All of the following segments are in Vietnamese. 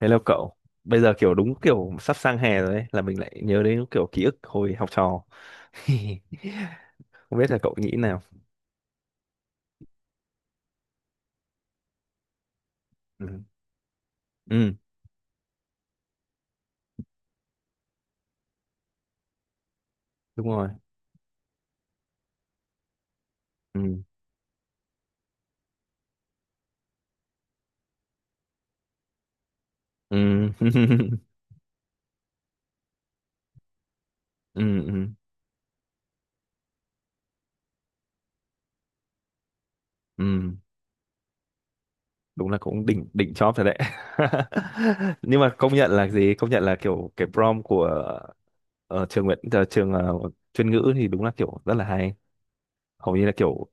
Hello cậu, bây giờ kiểu đúng kiểu sắp sang hè rồi ấy, là mình lại nhớ đến kiểu ký ức hồi học trò. Không biết là cậu nghĩ nào? Ừ, ừ, đúng rồi. Ừ, ừ, ừ, ừ, ừ, đúng là cũng đỉnh đỉnh chóp rồi đấy. Nhưng mà công nhận là gì? Công nhận là kiểu cái prom của ờ, trường chuyên ngữ thì đúng là kiểu rất là hay. Hầu như là kiểu.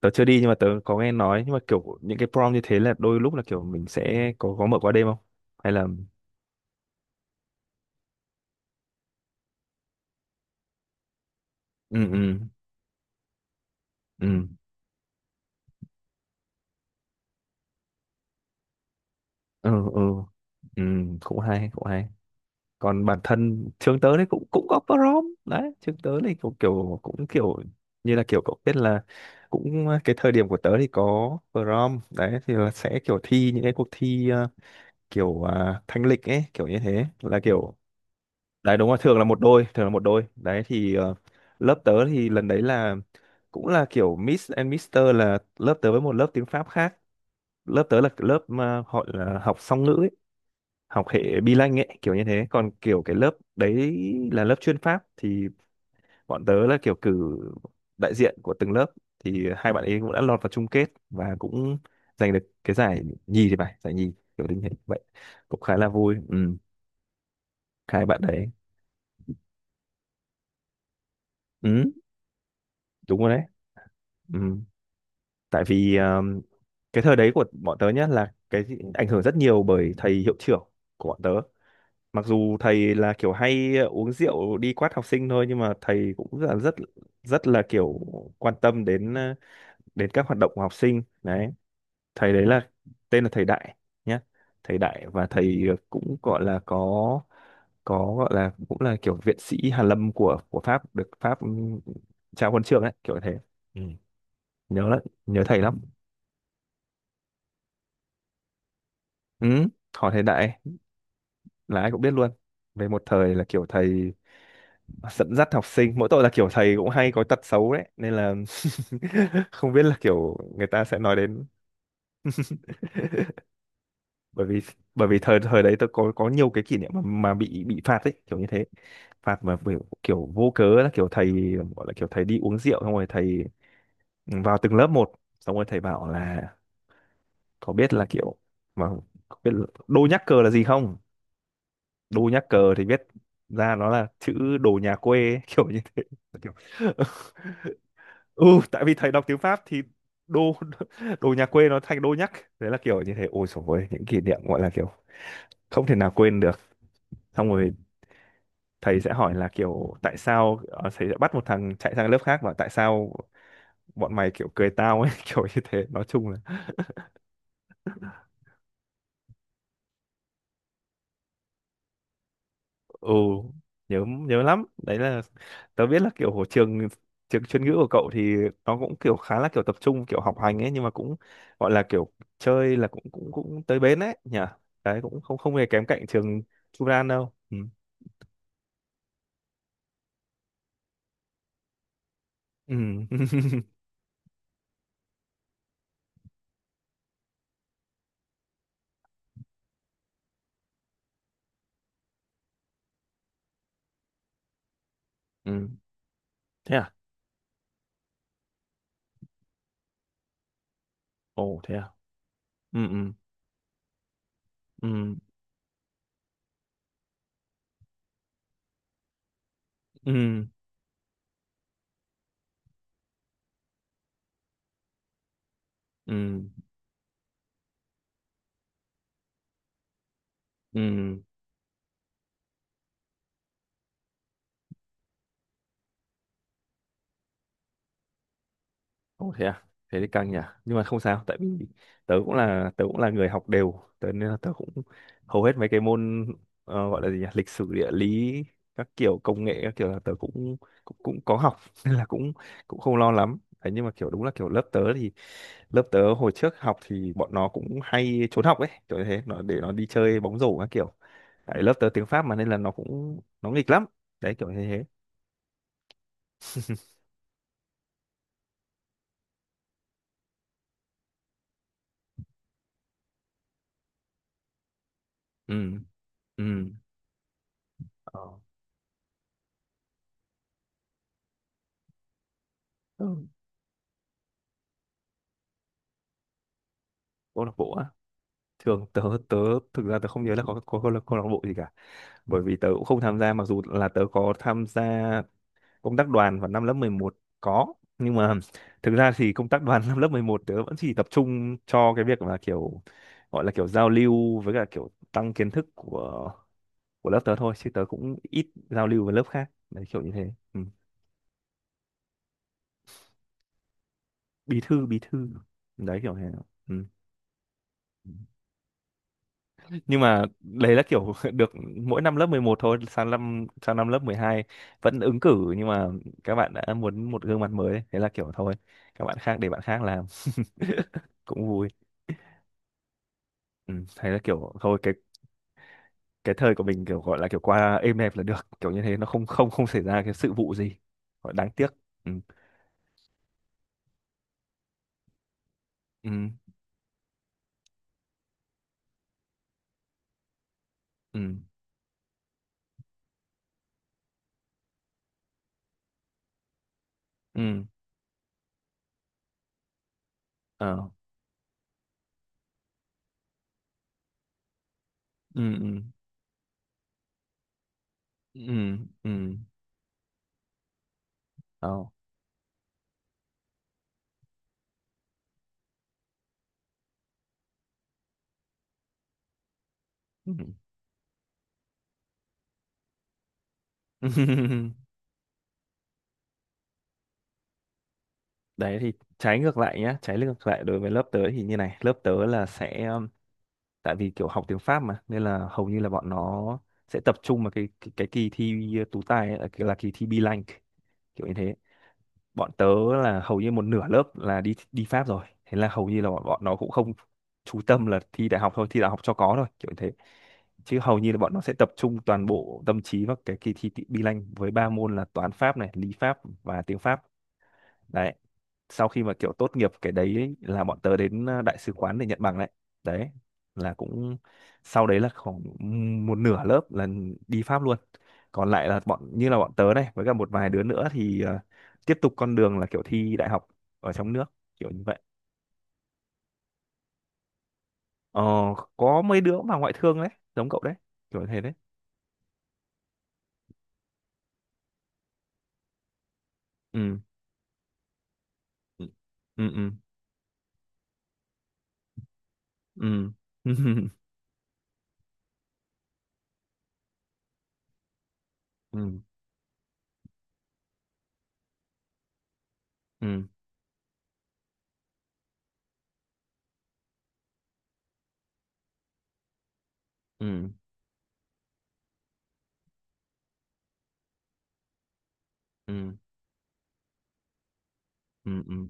Tớ chưa đi nhưng mà tớ có nghe nói, nhưng mà kiểu những cái prom như thế là đôi lúc là kiểu mình sẽ có mở qua đêm không, hay là. Ừ, ừ, ừ, ừ, ừ, ừ, cũng hay, cũng hay. Còn bản thân trường tớ đấy cũng cũng có prom đấy. Trường tớ này cũng kiểu như là kiểu cậu biết là, cũng cái thời điểm của tớ thì có prom đấy, thì là sẽ kiểu thi những cái cuộc thi, kiểu à, thanh lịch ấy, kiểu như thế là kiểu. Đấy đúng rồi, thường là một đôi, thường là một đôi đấy thì, lớp tớ thì lần đấy là cũng là kiểu Miss and Mister, là lớp tớ với một lớp tiếng Pháp khác. Lớp tớ là lớp mà họ là học song ngữ ấy, học hệ bi lanh ấy kiểu như thế, còn kiểu cái lớp đấy là lớp chuyên Pháp. Thì bọn tớ là kiểu cử đại diện của từng lớp, thì hai bạn ấy cũng đã lọt vào chung kết và cũng giành được cái giải nhì, thì phải giải nhì kiểu như thế vậy, cũng khá là vui. Ừ, hai bạn đấy. Ừ, đúng rồi đấy. Ừ. Tại vì cái thời đấy của bọn tớ nhá là cái ảnh hưởng rất nhiều bởi thầy hiệu trưởng của bọn tớ. Mặc dù thầy là kiểu hay uống rượu đi quát học sinh thôi, nhưng mà thầy cũng rất là rất rất là kiểu quan tâm đến, đến các hoạt động của học sinh đấy. Thầy đấy là tên là thầy Đại nhá. Thầy Đại, và thầy cũng gọi là có gọi là cũng là kiểu viện sĩ Hàn Lâm của Pháp, được Pháp trao huân chương đấy kiểu thế. Ừ. Nhớ lắm, nhớ thầy lắm. Ừ. Hỏi thầy Đại là ai cũng biết luôn. Về một thời là kiểu thầy dẫn dắt học sinh, mỗi tội là kiểu thầy cũng hay có tật xấu đấy nên là, không biết là kiểu người ta sẽ nói đến. Bởi vì bởi vì thời thời đấy tôi có nhiều cái kỷ niệm mà bị phạt ấy, kiểu như thế. Phạt mà kiểu vô cớ, là kiểu thầy, gọi là kiểu thầy đi uống rượu xong rồi thầy vào từng lớp một, xong rồi thầy bảo là có biết là kiểu mà, có biết là đô nhắc cờ là gì không. Đô nhắc cờ thì biết ra nó là chữ đồ nhà quê ấy, kiểu như. Ừ, tại vì thầy đọc tiếng Pháp thì đô đồ nhà quê nó thành đô nhắc. Đấy là kiểu như thế. Ôi dồi ôi, những kỷ niệm gọi là kiểu không thể nào quên được. Xong rồi thầy sẽ hỏi là kiểu tại sao, thầy sẽ bắt một thằng chạy sang lớp khác và tại sao bọn mày kiểu cười tao ấy, kiểu như thế nói chung là. Ừ, nhớ nhớ lắm đấy là. Tớ biết là kiểu trường, trường chuyên ngữ của cậu thì nó cũng kiểu khá là kiểu tập trung kiểu học hành ấy, nhưng mà cũng gọi là kiểu chơi là cũng cũng cũng tới bến ấy nhỉ. Đấy cũng không không hề kém cạnh trường Churan đâu. Ừ. Ừ. Ừ, thế à. Ồ, thế à. Ừ, ừ, ừ, ừ, ừ, ừ. Ồ, thế à? Thế thì căng nhỉ. Nhưng mà không sao, tại vì tớ cũng là, người học đều, tớ nên là tớ cũng hầu hết mấy cái môn, gọi là gì nhỉ? Lịch sử, địa lý, các kiểu công nghệ các kiểu, là tớ cũng cũng, cũng có học, nên là cũng cũng không lo lắm. Đấy, nhưng mà kiểu đúng là kiểu lớp tớ hồi trước học thì bọn nó cũng hay trốn học ấy, kiểu như thế, nó để nó đi chơi bóng rổ các kiểu. Tại lớp tớ tiếng Pháp mà nên là nó cũng nó nghịch lắm. Đấy kiểu như thế. Ừ. Ừ. Ờ. Ừ. Câu lạc bộ á, thường tớ tớ thực ra tớ không nhớ là có câu lạc bộ gì cả, bởi vì tớ cũng không tham gia. Mặc dù là tớ có tham gia công tác đoàn vào năm lớp 11 có, nhưng mà thực ra thì công tác đoàn năm lớp 11 tớ vẫn chỉ tập trung cho cái việc là kiểu gọi là kiểu giao lưu với cả kiểu tăng kiến thức của lớp tớ thôi, chứ tớ cũng ít giao lưu với lớp khác đấy kiểu như thế. Ừ. Bí thư, bí thư, đấy kiểu thế. Ừ. Nhưng mà đấy là kiểu được mỗi năm lớp 11 thôi. Sang năm, sang năm lớp 12 vẫn ứng cử, nhưng mà các bạn đã muốn một gương mặt mới ấy. Thế là kiểu thôi, các bạn khác, để bạn khác làm. Cũng vui. Ừ, thế là kiểu thôi cái thời của mình kiểu gọi là kiểu qua êm đẹp là được, kiểu như thế nó không không không xảy ra cái sự vụ gì gọi đáng tiếc. Ừ, ừ, ừ, ừ, ờ, ừ, ừ, ừ, ừ, ờ, ừ. Đấy thì trái ngược lại nhá, trái ngược lại đối với lớp tớ thì như này. Lớp tớ là sẽ tại vì kiểu học tiếng Pháp mà nên là hầu như là bọn nó sẽ tập trung vào cái kỳ thi tú tài ấy, là kỳ thi B-Language kiểu như thế. Bọn tớ là hầu như một nửa lớp là đi đi Pháp rồi. Thế là hầu như là bọn nó cũng không chú tâm là thi đại học thôi, thi đại học cho có thôi kiểu như thế, chứ hầu như là bọn nó sẽ tập trung toàn bộ tâm trí vào cái kỳ thi B-Language với ba môn là toán Pháp này, lý Pháp và tiếng Pháp đấy. Sau khi mà kiểu tốt nghiệp cái đấy ấy, là bọn tớ đến, đại sứ quán để nhận bằng đấy. Đấy là cũng, sau đấy là khoảng một nửa lớp là đi Pháp luôn. Còn lại là bọn như là bọn tớ này với cả một vài đứa nữa thì, tiếp tục con đường là kiểu thi đại học ở trong nước kiểu như vậy. ờ, có mấy đứa mà ngoại thương đấy, giống cậu đấy kiểu thế đấy. Ừ, ừ, ừ, ừ, ừ, ừ, ừ, ừ, ừ, ừ, ừ.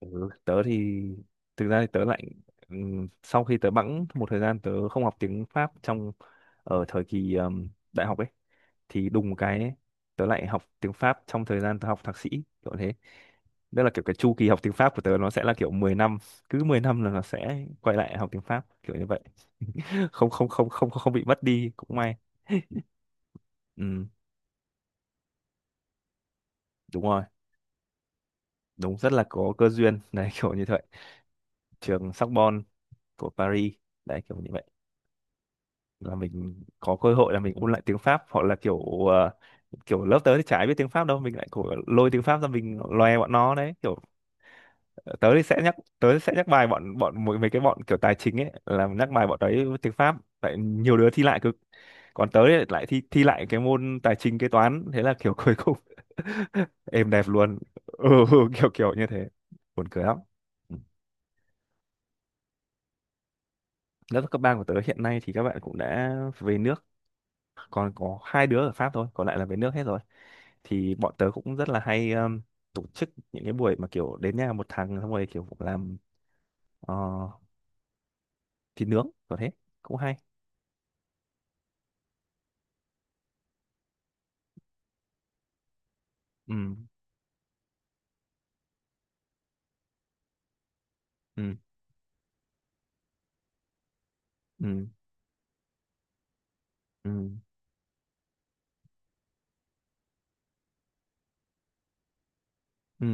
Ừ, tớ thì thực ra thì tớ lại sau khi tớ bẵng một thời gian tớ không học tiếng Pháp, trong ở thời kỳ đại học ấy, thì đùng một cái ấy, tớ lại học tiếng Pháp trong thời gian tớ học thạc sĩ kiểu thế. Đó là kiểu cái chu kỳ học tiếng Pháp của tớ, nó sẽ là kiểu 10 năm. Cứ 10 năm là nó sẽ quay lại học tiếng Pháp kiểu như vậy. không không không không không bị mất đi cũng may. Ừ, đúng rồi, đúng rất là có cơ duyên đấy kiểu như vậy. Trường Sorbonne của Paris, đấy kiểu như vậy, là mình có cơ hội là mình ôn lại tiếng Pháp. Hoặc là kiểu, ờ, kiểu lớp tớ thì chả ai biết tiếng Pháp đâu, mình lại kiểu lôi tiếng Pháp ra mình loè bọn nó đấy kiểu. Tớ thì sẽ nhắc, bài bọn bọn mấy mấy cái bọn kiểu tài chính ấy, là nhắc bài bọn đấy tiếng Pháp. Tại nhiều đứa thi lại cực, còn tớ thì lại thi thi lại cái môn tài chính kế toán, thế là kiểu cuối cùng êm đẹp luôn. Ừ, ừ, kiểu kiểu như thế, buồn cười lắm. Ừ. Lớp cấp ba của tớ hiện nay thì các bạn cũng đã về nước, còn có hai đứa ở Pháp thôi, còn lại là về nước hết rồi. Thì bọn tớ cũng rất là hay tổ chức những cái buổi mà kiểu đến nhà một thằng xong rồi kiểu làm, ờ, thịt nướng có thế, cũng hay. Ừ, ừ, ừ, ừ, ừ,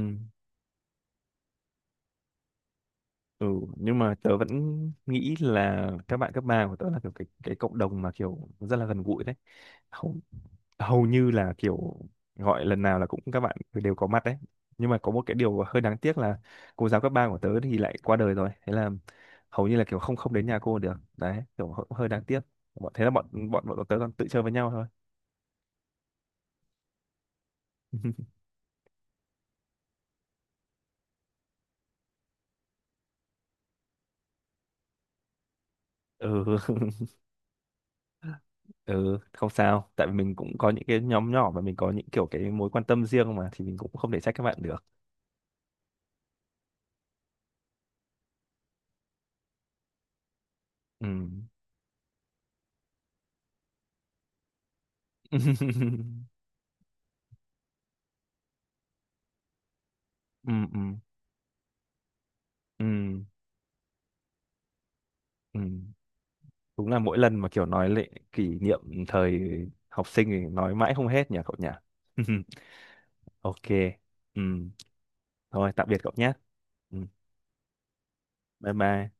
ừ. Nhưng mà tớ vẫn nghĩ là các bạn cấp ba của tớ là kiểu cái cộng đồng mà kiểu rất là gần gũi đấy. Không, hầu như là kiểu gọi lần nào là cũng các bạn đều có mặt đấy. Nhưng mà có một cái điều hơi đáng tiếc là cô giáo cấp ba của tớ thì lại qua đời rồi, thế là hầu như là kiểu không không đến nhà cô được đấy, kiểu hơi đáng tiếc. Thế là bọn bọn bọn tớ còn tự chơi với nhau thôi. Ừ. Ừ, không sao, tại vì mình cũng có những cái nhóm nhỏ và mình có những kiểu cái mối quan tâm riêng mà, thì mình cũng không thể trách các bạn được. Ừ. Ừ, ừ, ừ, ừ. Đúng là mỗi lần mà kiểu nói lại kỷ niệm thời học sinh thì nói mãi không hết nhỉ cậu nhỉ? Ok. Ừ. Thôi tạm biệt cậu nhé. Ừ. Bye bye.